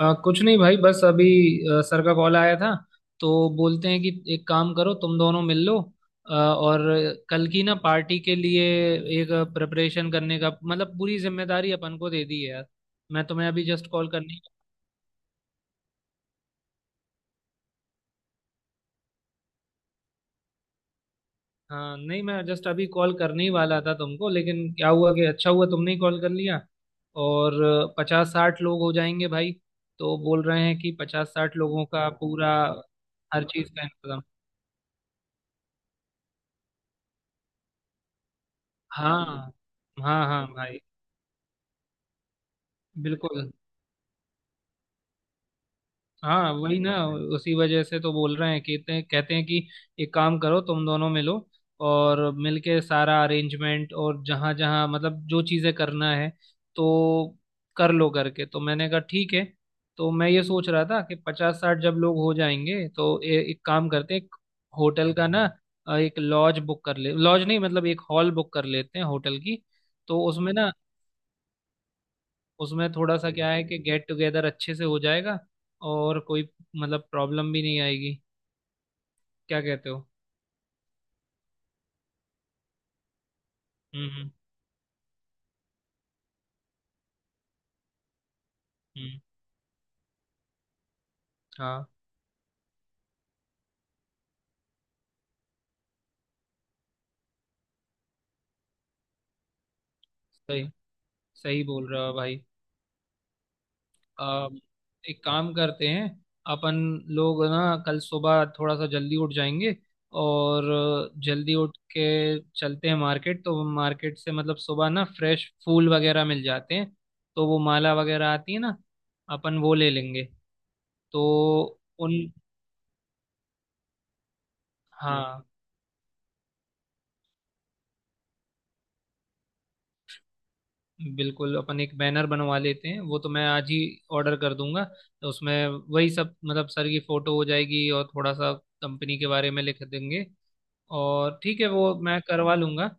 कुछ नहीं भाई बस अभी सर का कॉल आया था। तो बोलते हैं कि एक काम करो तुम दोनों मिल लो और कल की ना पार्टी के लिए एक प्रिपरेशन करने का मतलब पूरी जिम्मेदारी अपन को दे दी है यार। मैं तुम्हें अभी जस्ट कॉल करनी। हाँ नहीं मैं जस्ट अभी कॉल करने ही वाला था तुमको लेकिन क्या हुआ कि अच्छा हुआ तुमने ही कॉल कर लिया। और पचास साठ लोग हो जाएंगे भाई। तो बोल रहे हैं कि 50-60 लोगों का पूरा हर चीज़ का इंतजाम। हाँ हाँ हाँ भाई। बिल्कुल। हाँ वही ना। उसी वजह से तो बोल रहे हैं कि इतने कहते हैं कि एक काम करो तुम दोनों मिलो और मिलके सारा अरेंजमेंट और जहाँ जहाँ मतलब जो चीज़ें करना है तो कर लो करके तो मैंने कहा ठीक है। तो मैं ये सोच रहा था कि 50-60 जब लोग हो जाएंगे तो एक काम करते हैं एक होटल का ना। एक लॉज बुक कर ले लॉज नहीं मतलब एक हॉल बुक कर लेते हैं होटल की। तो उसमें ना उसमें थोड़ा सा क्या है कि गेट टुगेदर अच्छे से हो जाएगा और कोई मतलब प्रॉब्लम भी नहीं आएगी। क्या कहते हो? हम्म हम्म हम्म, हाँ सही। सही बोल रहे हो भाई। आ, एक काम करते हैं अपन लोग ना कल सुबह थोड़ा सा जल्दी उठ जाएंगे और जल्दी उठ के चलते हैं मार्केट। तो मार्केट से मतलब सुबह ना फ्रेश फूल वगैरह मिल जाते हैं तो वो माला वगैरह आती है ना अपन वो ले लेंगे। तो उन हाँ बिल्कुल अपन एक बैनर बनवा लेते हैं वो तो मैं आज ही ऑर्डर कर दूंगा। तो उसमें वही सब मतलब सर की फोटो हो जाएगी और थोड़ा सा कंपनी के बारे में लिख देंगे और ठीक है वो मैं करवा लूंगा।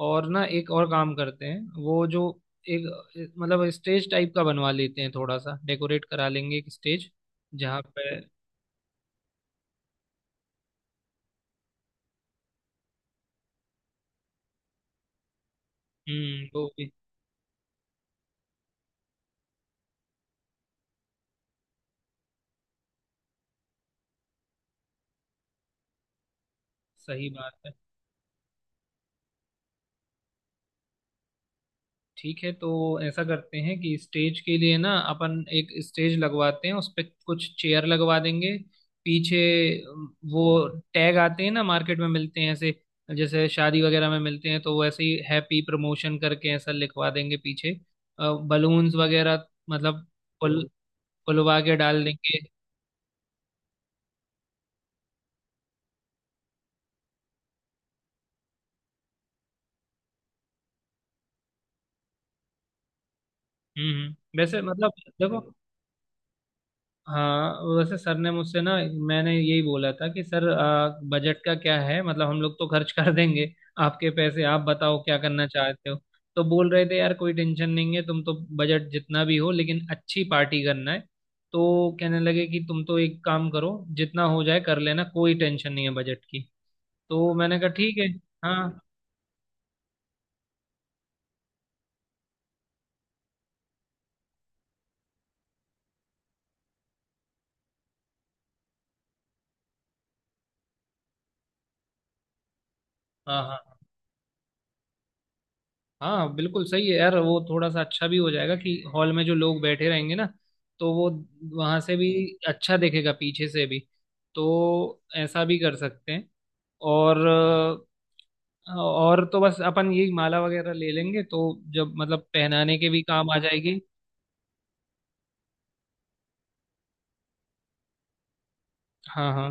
और ना एक और काम करते हैं वो जो एक मतलब स्टेज टाइप का बनवा लेते हैं थोड़ा सा डेकोरेट करा लेंगे एक स्टेज जहाँ पे वो भी सही बात है। ठीक है तो ऐसा करते हैं कि स्टेज के लिए ना अपन एक स्टेज लगवाते हैं उस पे कुछ चेयर लगवा देंगे पीछे। वो टैग आते हैं ना मार्केट में मिलते हैं ऐसे जैसे शादी वगैरह में मिलते हैं तो वैसे ही हैप्पी प्रमोशन करके ऐसा लिखवा देंगे पीछे। बलून्स वगैरह मतलब फुल फुलवा के डाल देंगे। वैसे मतलब देखो हाँ वैसे सर ने मुझसे ना मैंने यही बोला था कि सर बजट का क्या है मतलब हम लोग तो खर्च कर देंगे आपके पैसे आप बताओ क्या करना चाहते हो। तो बोल रहे थे यार कोई टेंशन नहीं है तुम तो बजट जितना भी हो लेकिन अच्छी पार्टी करना है। तो कहने लगे कि तुम तो एक काम करो जितना हो जाए कर लेना कोई टेंशन नहीं है बजट की। तो मैंने कहा ठीक है। हाँ हाँ हाँ। हाँ बिल्कुल सही है यार वो थोड़ा सा अच्छा भी हो जाएगा कि हॉल में जो लोग बैठे रहेंगे ना तो वो वहां से भी अच्छा देखेगा पीछे से भी। तो ऐसा भी कर सकते हैं। और और तो बस अपन यही माला वगैरह ले लेंगे तो जब मतलब पहनाने के भी काम आ जाएगी। हाँ हाँ।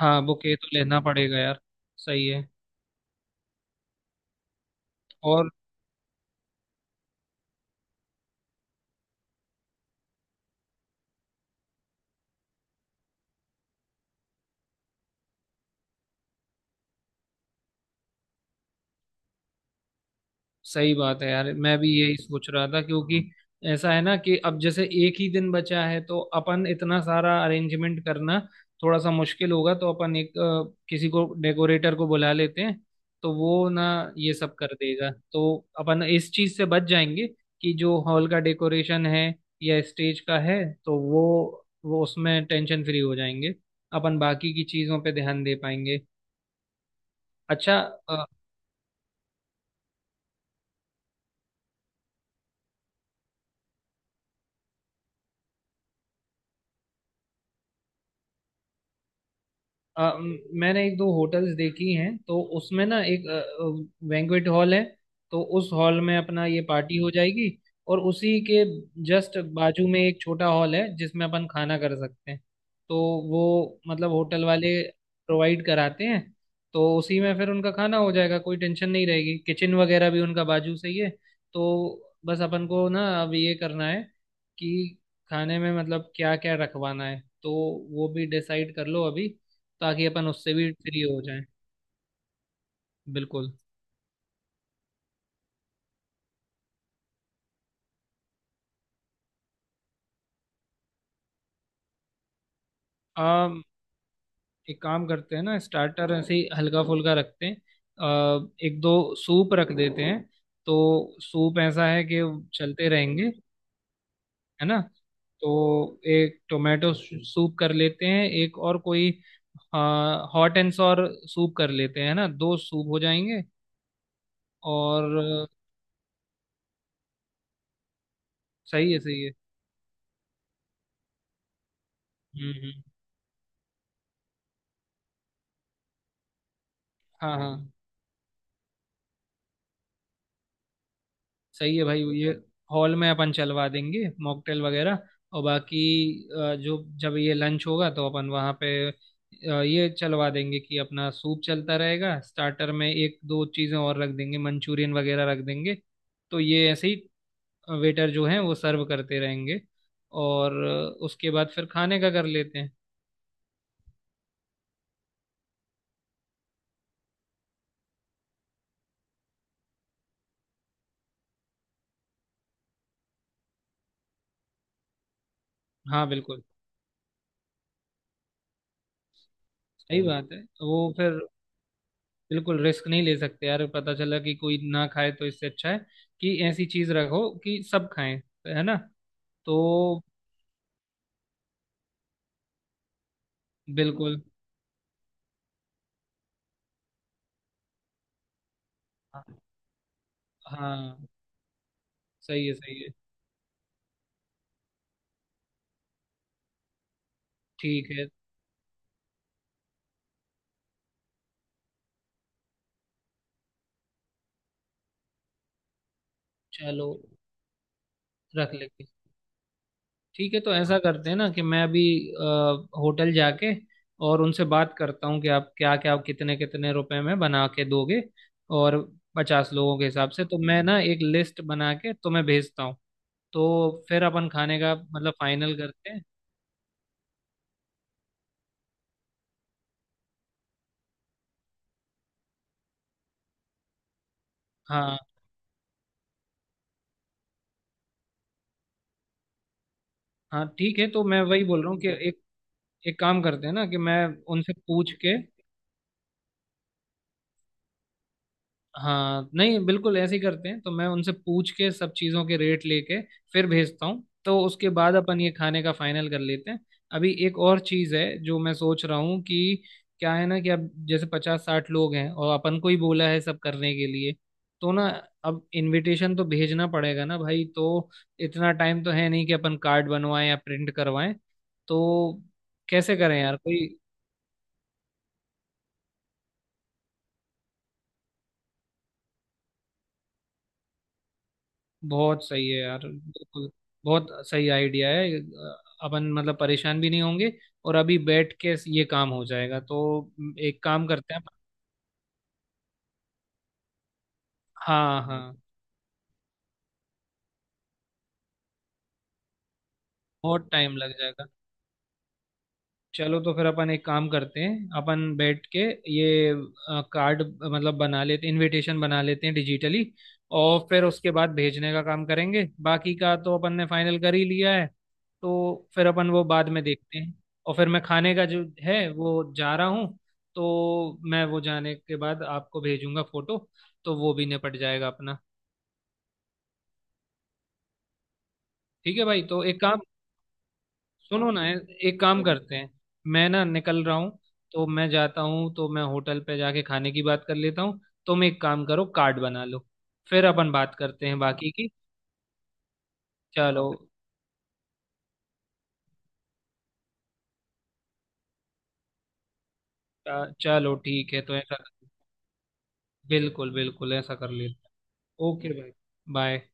हाँ बुके तो लेना पड़ेगा यार। सही है। और सही बात है यार मैं भी यही सोच रहा था क्योंकि ऐसा है ना कि अब जैसे एक ही दिन बचा है तो अपन इतना सारा अरेंजमेंट करना थोड़ा सा मुश्किल होगा तो अपन एक किसी को डेकोरेटर को बुला लेते हैं तो वो ना ये सब कर देगा तो अपन इस चीज से बच जाएंगे कि जो हॉल का डेकोरेशन है या स्टेज का है तो वो उसमें टेंशन फ्री हो जाएंगे अपन बाकी की चीजों पे ध्यान दे पाएंगे। अच्छा। अ, मैंने एक दो होटल्स देखी हैं तो उसमें ना एक बैंक्वेट हॉल है तो उस हॉल में अपना ये पार्टी हो जाएगी और उसी के जस्ट बाजू में एक छोटा हॉल है जिसमें अपन खाना कर सकते हैं तो वो मतलब होटल वाले प्रोवाइड कराते हैं। तो उसी में फिर उनका खाना हो जाएगा कोई टेंशन नहीं रहेगी किचन वगैरह भी उनका बाजू से ही है। तो बस अपन को ना अब ये करना है कि खाने में मतलब क्या क्या रखवाना है तो वो भी डिसाइड कर लो अभी ताकि अपन उससे भी फ्री हो जाएं। बिल्कुल। आम एक काम करते हैं ना स्टार्टर ऐसे ही हल्का फुल्का रखते हैं। एक दो सूप रख देते हैं तो सूप ऐसा है कि चलते रहेंगे है ना। तो एक टोमेटो सूप कर लेते हैं एक और कोई हॉट एंड सॉर सूप कर लेते हैं है ना दो सूप हो जाएंगे। और सही है सही है। हम्म। हाँ हाँ। सही है भाई ये हॉल में अपन चलवा देंगे मॉकटेल वगैरह। और बाकी जो जब ये लंच होगा तो अपन वहाँ पे ये चलवा देंगे कि अपना सूप चलता रहेगा स्टार्टर में एक दो चीज़ें और रख देंगे मंचूरियन वगैरह रख देंगे। तो ये ऐसे ही वेटर जो हैं वो सर्व करते रहेंगे और उसके बाद फिर खाने का कर लेते हैं। हाँ बिल्कुल। सही बात है वो फिर बिल्कुल रिस्क नहीं ले सकते यार पता चला कि कोई ना खाए तो इससे अच्छा है कि ऐसी चीज रखो कि सब खाएं है ना। तो बिल्कुल। हाँ सही है सही है। ठीक है। चलो रख लेंगे। ठीक है तो ऐसा करते हैं ना कि मैं अभी अ, होटल जाके और उनसे बात करता हूँ कि आप क्या क्या कितने कितने रुपए में बना के दोगे और 50 लोगों के हिसाब से तो मैं ना एक लिस्ट बना के तुम्हें भेजता हूँ। तो फिर अपन खाने का मतलब फाइनल करते हैं। हाँ हाँ। ठीक है तो मैं वही बोल रहा हूँ कि एक एक काम करते हैं ना कि मैं उनसे पूछ के हाँ नहीं बिल्कुल ऐसे ही करते हैं तो मैं उनसे पूछ के सब चीज़ों के रेट लेके फिर भेजता हूँ तो उसके बाद अपन ये खाने का फाइनल कर लेते हैं। अभी एक और चीज़ है जो मैं सोच रहा हूँ कि क्या है ना कि अब जैसे 50-60 लोग हैं और अपन को ही बोला है सब करने के लिए तो ना अब इनविटेशन तो भेजना पड़ेगा ना भाई। तो इतना टाइम तो है नहीं कि अपन कार्ड बनवाएं या प्रिंट करवाएं। तो कैसे करें यार कोई? बहुत सही है यार बिल्कुल। बहुत सही आइडिया है अपन मतलब परेशान भी नहीं होंगे और अभी बैठ के ये काम हो जाएगा तो एक काम करते हैं। हाँ हाँ। बहुत टाइम लग जाएगा। चलो तो फिर अपन एक काम करते हैं अपन बैठ के ये कार्ड मतलब बना लेते इनविटेशन बना लेते हैं डिजिटली और फिर उसके बाद भेजने का काम करेंगे। बाकी का तो अपन ने फाइनल कर ही लिया है तो फिर अपन वो बाद में देखते हैं। और फिर मैं खाने का जो है वो जा रहा हूँ तो मैं वो जाने के बाद आपको भेजूंगा फोटो। तो वो भी निपट जाएगा अपना। ठीक है भाई तो एक काम सुनो ना एक काम करते हैं मैं ना निकल रहा हूँ तो मैं जाता हूँ तो मैं होटल पे जाके खाने की बात कर लेता हूँ तुम एक काम करो कार्ड बना लो फिर अपन बात करते हैं बाकी की। चलो चलो ठीक है तो ऐसा बिल्कुल बिल्कुल ऐसा कर लेते हैं। ओके भाई। बाय।